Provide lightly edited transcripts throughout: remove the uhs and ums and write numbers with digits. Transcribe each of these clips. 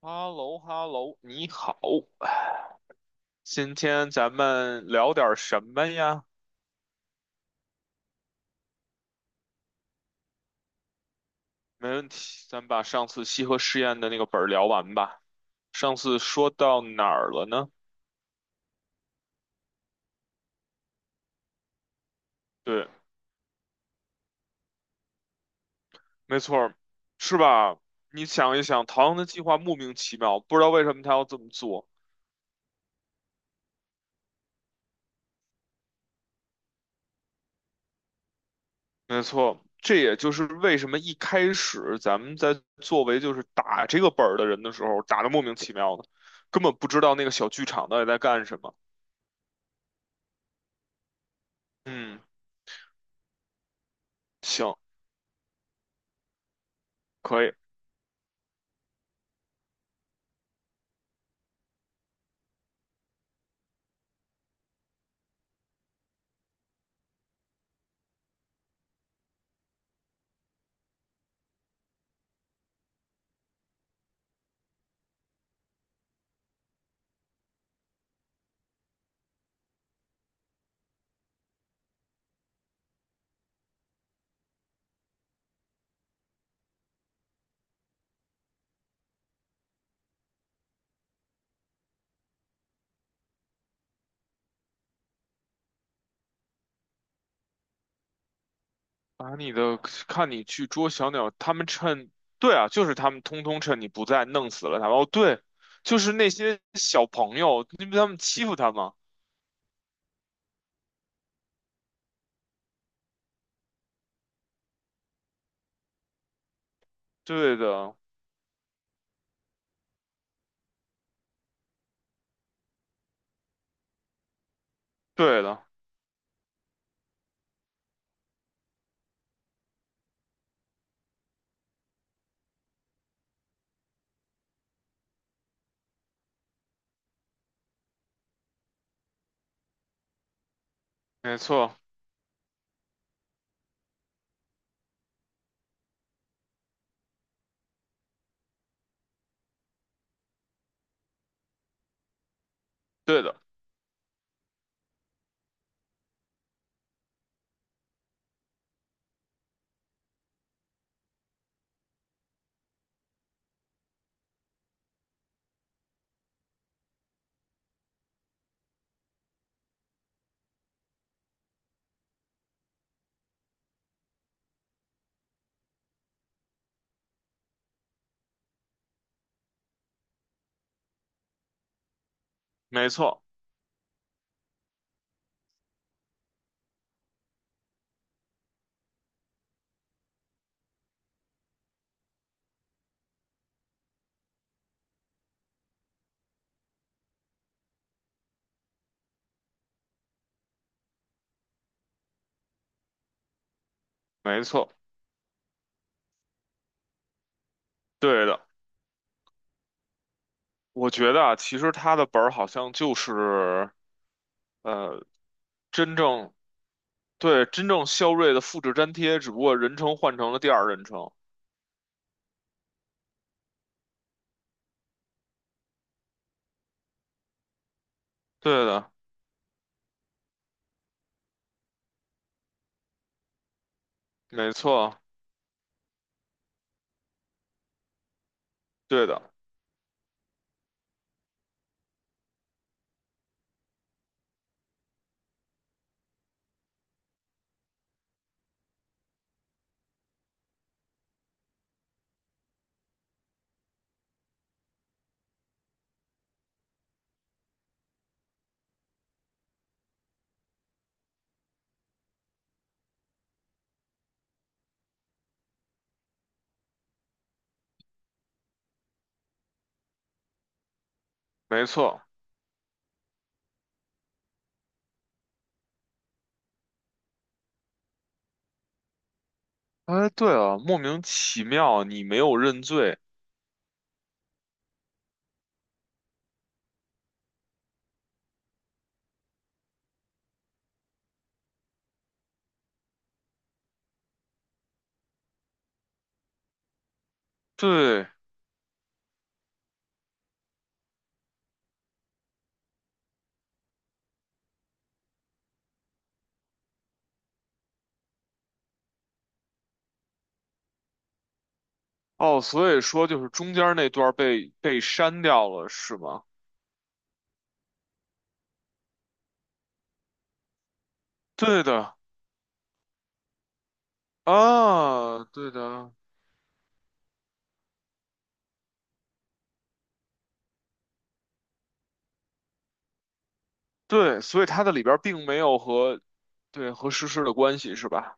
哈喽哈喽，你好，今天咱们聊点什么呀？没问题，咱把上次西河试验的那个本儿聊完吧。上次说到哪儿了呢？对，没错儿，是吧？你想一想，唐的计划莫名其妙，不知道为什么他要这么做。没错，这也就是为什么一开始咱们在作为就是打这个本儿的人的时候，打的莫名其妙的，根本不知道那个小剧场到底在干什么。嗯，行，可以。把你的看你去捉小鸟，他们趁，对啊，就是他们通通趁你不在弄死了他们哦，对，就是那些小朋友，因为他们欺负他们。对的，对的，没错，对的，没错，没错，对的。我觉得啊，其实他的本儿好像就是呃，真正对真正肖瑞的复制粘贴，只不过人称换成了第二人称。对的，没错，对的，没错。哎，对啊，莫名其妙，你没有认罪。对，哦，所以说就是中间那段儿被删掉了，是吗？对的，啊，对的，对，所以它的里边儿并没有和对和实施的关系，是吧？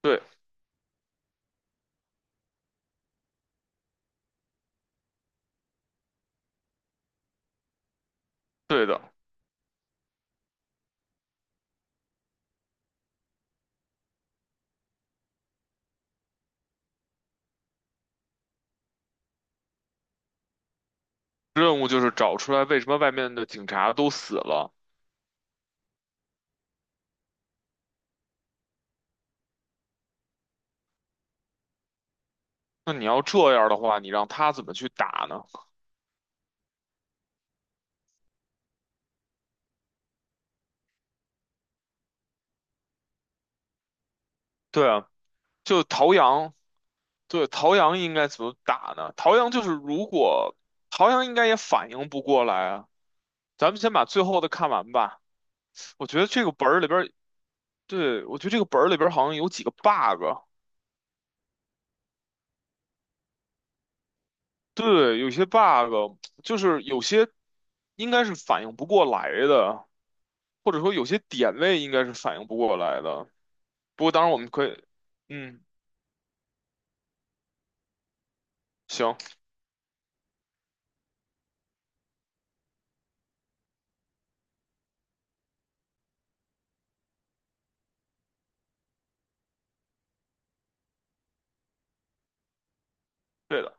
对，对的，任务就是找出来为什么外面的警察都死了。那你要这样的话，你让他怎么去打呢？对啊，就陶阳。对，陶阳应该怎么打呢？陶阳就是如果陶阳应该也反应不过来啊，咱们先把最后的看完吧。我觉得这个本儿里边儿，对，我觉得这个本儿里边儿好像有几个 bug，对，有些 bug 就是有些应该是反应不过来的，或者说有些点位应该是反应不过来的。不过当然我们可以，嗯，行，对的，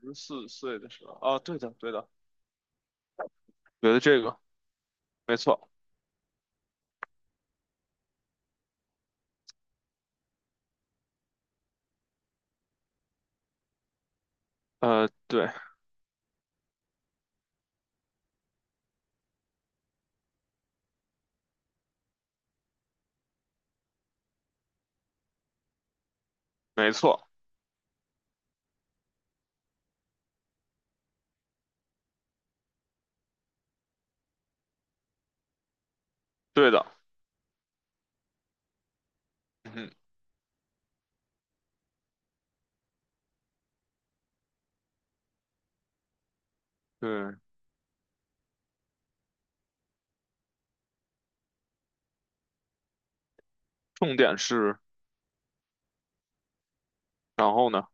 14岁的时候，啊，对的，对的，觉得这个没错，对，没错，对的。嗯哼，对，重点是，然后呢？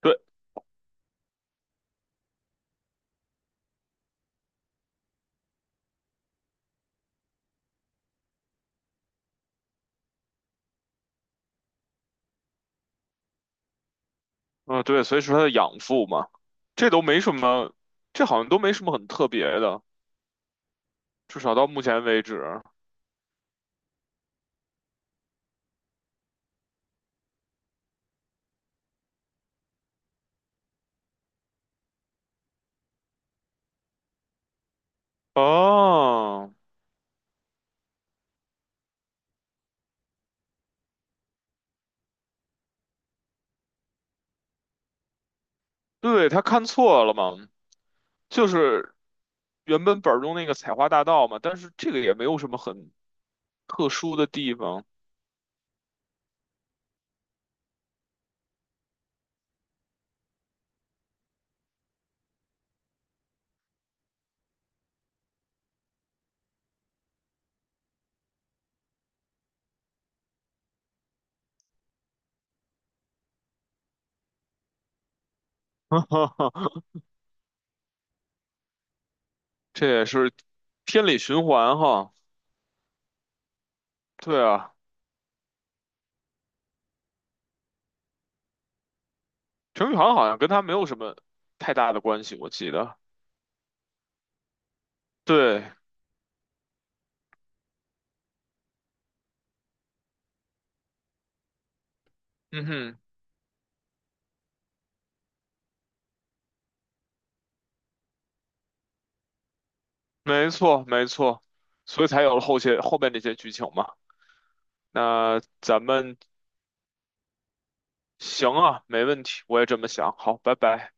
对，啊、对，所以说它的养父嘛，这都没什么，这好像都没什么很特别的，至少到目前为止。哦，对，他看错了嘛，就是原本本儿中那个采花大盗嘛，但是这个也没有什么很特殊的地方，这也是天理循环哈。对啊，程宇航好像跟他没有什么太大的关系，我记得。对，嗯哼。没错，没错，所以才有了后些后面这些剧情嘛。那咱们行啊，没问题，我也这么想。好，拜拜。